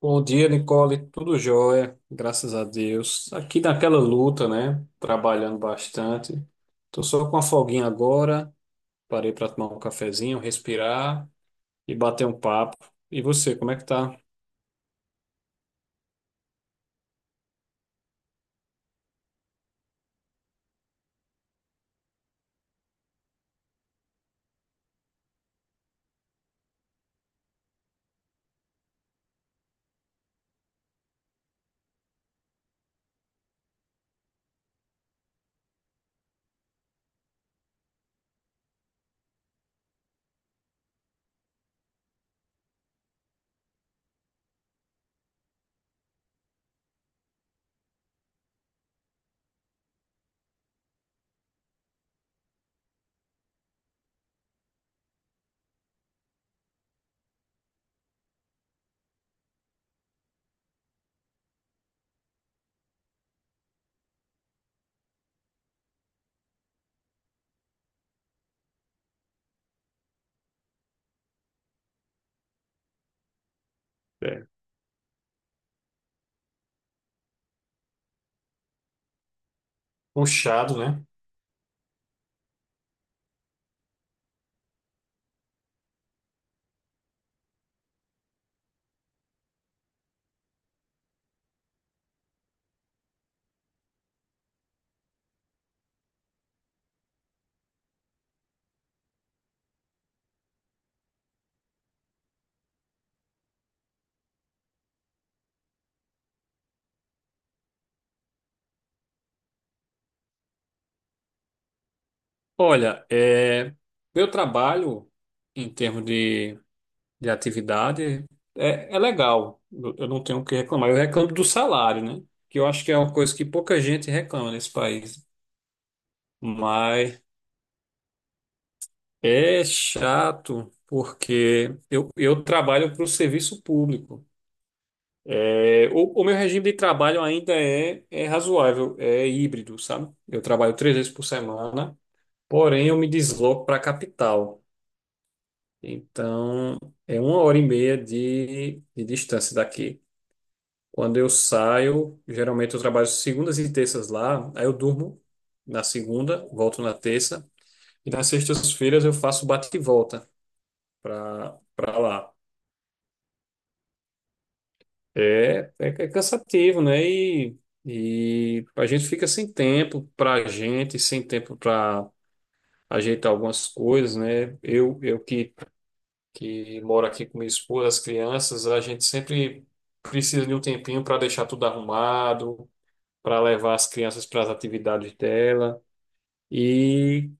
Bom dia, Nicole. Tudo jóia, graças a Deus. Aqui naquela luta, né? Trabalhando bastante. Tô só com a folguinha agora. Parei para tomar um cafezinho, respirar e bater um papo. E você, como é que tá? É. Puxado, né? Olha, é, meu trabalho em termos de atividade é legal. Eu não tenho o que reclamar. Eu reclamo do salário, né? Que eu acho que é uma coisa que pouca gente reclama nesse país. Mas é chato porque eu trabalho para o serviço público. É, o meu regime de trabalho ainda é razoável, é híbrido, sabe? Eu trabalho três vezes por semana, porém eu me desloco para a capital. Então é uma hora e meia de distância daqui. Quando eu saio, geralmente eu trabalho segundas e terças lá, aí eu durmo na segunda, volto na terça, e nas sextas-feiras eu faço bate e volta para lá. É cansativo, né? E a gente fica sem tempo pra gente, sem tempo pra ajeitar algumas coisas, né? Eu que moro aqui com minha esposa, as crianças, a gente sempre precisa de um tempinho para deixar tudo arrumado, para levar as crianças para as atividades dela. E,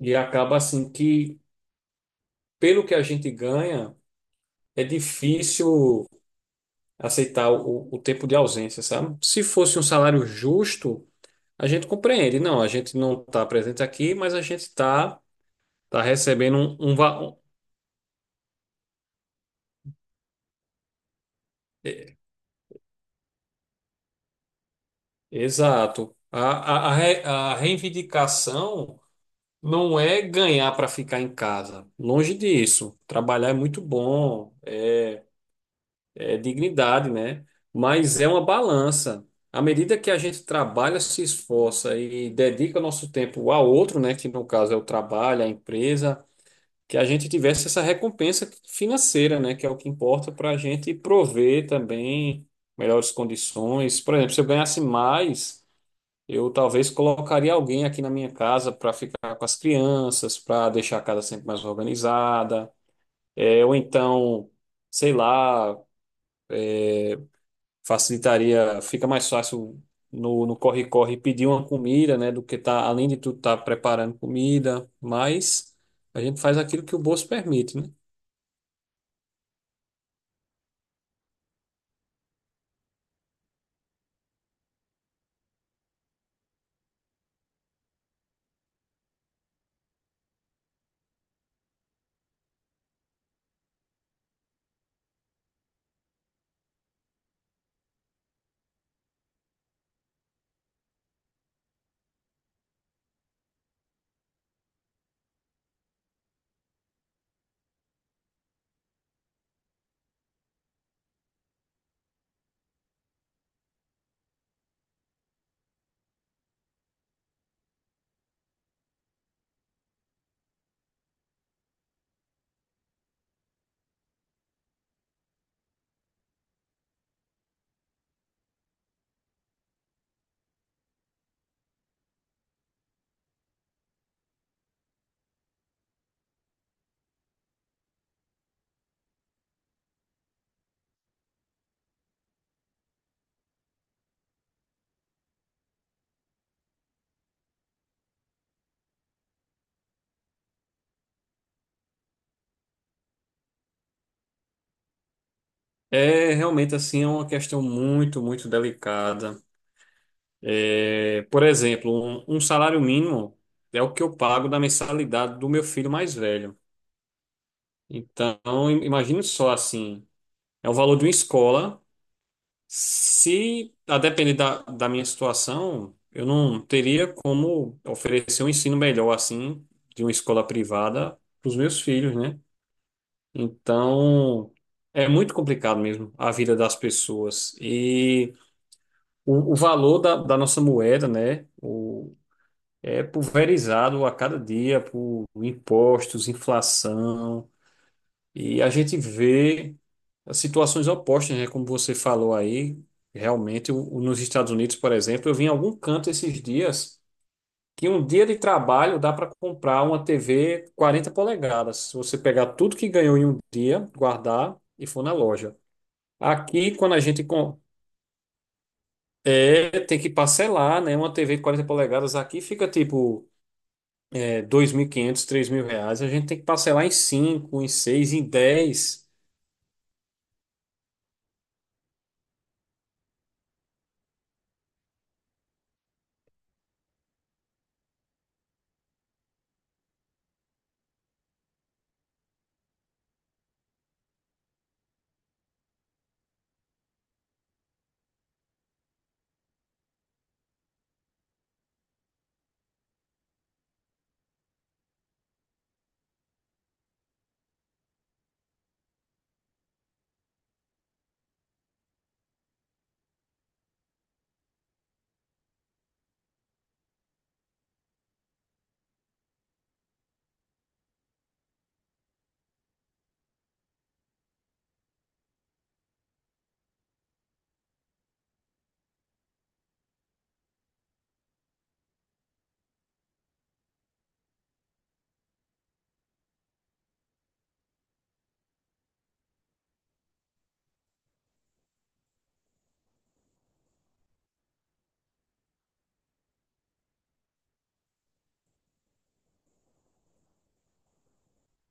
e acaba assim que, pelo que a gente ganha, é difícil aceitar o tempo de ausência, sabe? Se fosse um salário justo. A gente compreende, não, a gente não está presente aqui, mas a gente está tá tá recebendo um. Exato. A a reivindicação não é ganhar para ficar em casa. Longe disso. Trabalhar é muito bom, é dignidade, né? Mas é uma balança. À medida que a gente trabalha, se esforça e dedica o nosso tempo ao outro, né? Que no caso é o trabalho, a empresa. Que a gente tivesse essa recompensa financeira, né, que é o que importa para a gente prover também melhores condições. Por exemplo, se eu ganhasse mais, eu talvez colocaria alguém aqui na minha casa para ficar com as crianças, para deixar a casa sempre mais organizada, ou então, sei lá, facilitaria, fica mais fácil no corre-corre pedir uma comida, né, do que tá, além de tudo, estar preparando comida, mas a gente faz aquilo que o bolso permite, né? É realmente assim, é uma questão muito, muito delicada. É, por exemplo, um salário mínimo é o que eu pago da mensalidade do meu filho mais velho. Então, imagine só assim, é o valor de uma escola. Se, a depender da minha situação, eu não teria como oferecer um ensino melhor assim de uma escola privada para os meus filhos, né? Então, é muito complicado mesmo a vida das pessoas. E o valor da nossa moeda, né, é pulverizado a cada dia por impostos, inflação, e a gente vê as situações opostas, né, como você falou aí. Realmente, nos Estados Unidos, por exemplo, eu vi em algum canto esses dias que um dia de trabalho dá para comprar uma TV 40 polegadas. Se você pegar tudo que ganhou em um dia, guardar e for na loja. Aqui, quando a gente com- É, tem que parcelar, né? Uma TV de 40 polegadas aqui fica tipo 2.500, R$ 3.000. A gente tem que parcelar em 5 em 6 em 10.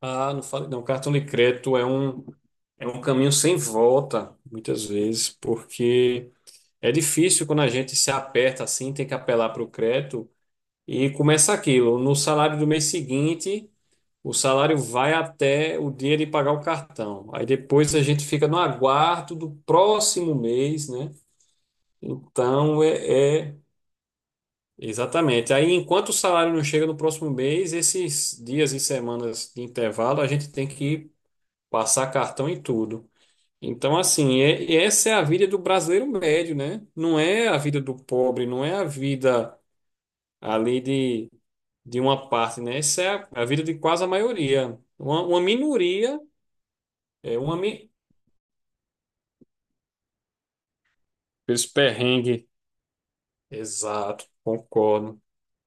Ah, não falei, não. Cartão de crédito é um caminho sem volta, muitas vezes, porque é difícil quando a gente se aperta assim, tem que apelar para o crédito e começa aquilo. No salário do mês seguinte, o salário vai até o dia de pagar o cartão. Aí depois a gente fica no aguardo do próximo mês, né? Então. Exatamente. Aí, enquanto o salário não chega no próximo mês, esses dias e semanas de intervalo, a gente tem que passar cartão em tudo. Então, assim, e essa é a vida do brasileiro médio, né? Não é a vida do pobre, não é a vida ali de uma parte, né? Essa é a vida de quase a maioria. Uma minoria, é uma mi-. Esse perrengue. Exato, concordo.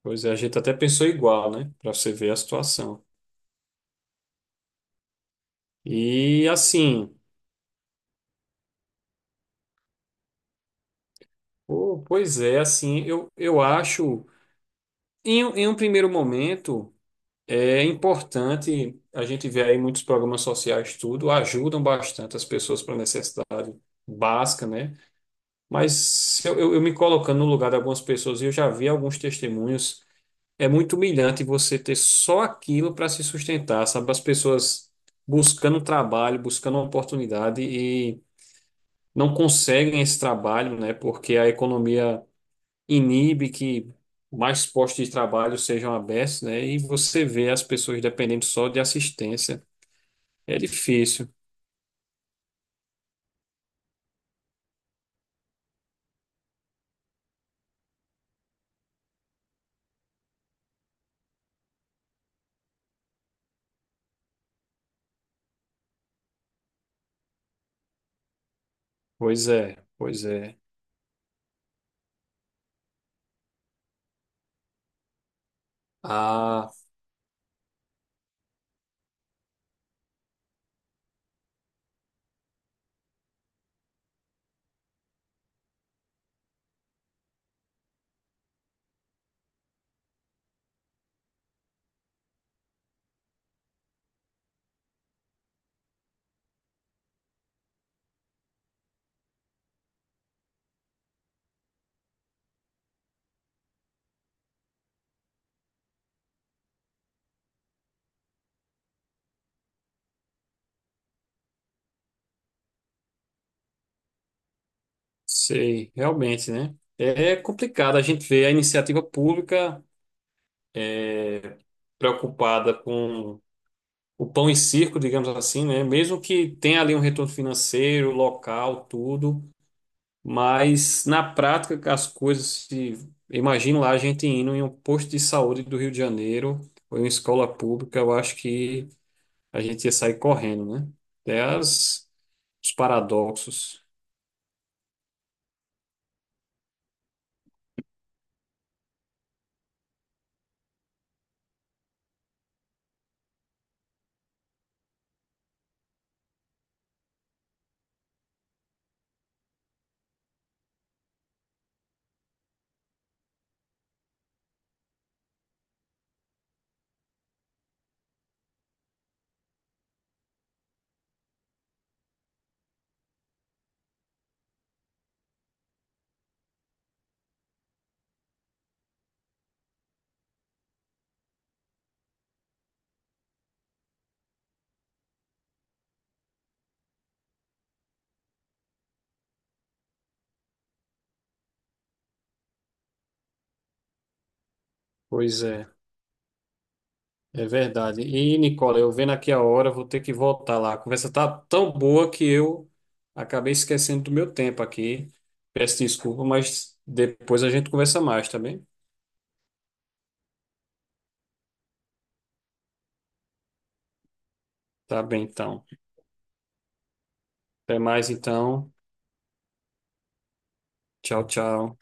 Pois é, a gente até pensou igual, né? Para você ver a situação. E assim, pô, pois é, assim, eu acho, em um primeiro momento, é importante, a gente vê aí muitos programas sociais, tudo, ajudam bastante as pessoas para necessidade básica, né? Mas se eu me colocando no lugar de algumas pessoas, e eu já vi alguns testemunhos, é muito humilhante você ter só aquilo para se sustentar, sabe? As pessoas buscando trabalho, buscando oportunidade e não conseguem esse trabalho, né? Porque a economia inibe que mais postos de trabalho sejam abertos, né? E você vê as pessoas dependendo só de assistência. É difícil. Pois é, pois é. Ah, sei, realmente, né? É complicado a gente ver a iniciativa pública preocupada com o pão e circo, digamos assim, né? Mesmo que tenha ali um retorno financeiro, local, tudo, mas na prática, as coisas se. Imagina lá a gente indo em um posto de saúde do Rio de Janeiro ou em uma escola pública, eu acho que a gente ia sair correndo, né? Até os paradoxos. Pois é, é verdade. E, Nicola, eu vendo aqui a hora, vou ter que voltar lá. A conversa tá tão boa que eu acabei esquecendo do meu tempo aqui. Peço desculpa, mas depois a gente conversa mais, tá bem? Tá bem, então. Até mais, então. Tchau, tchau.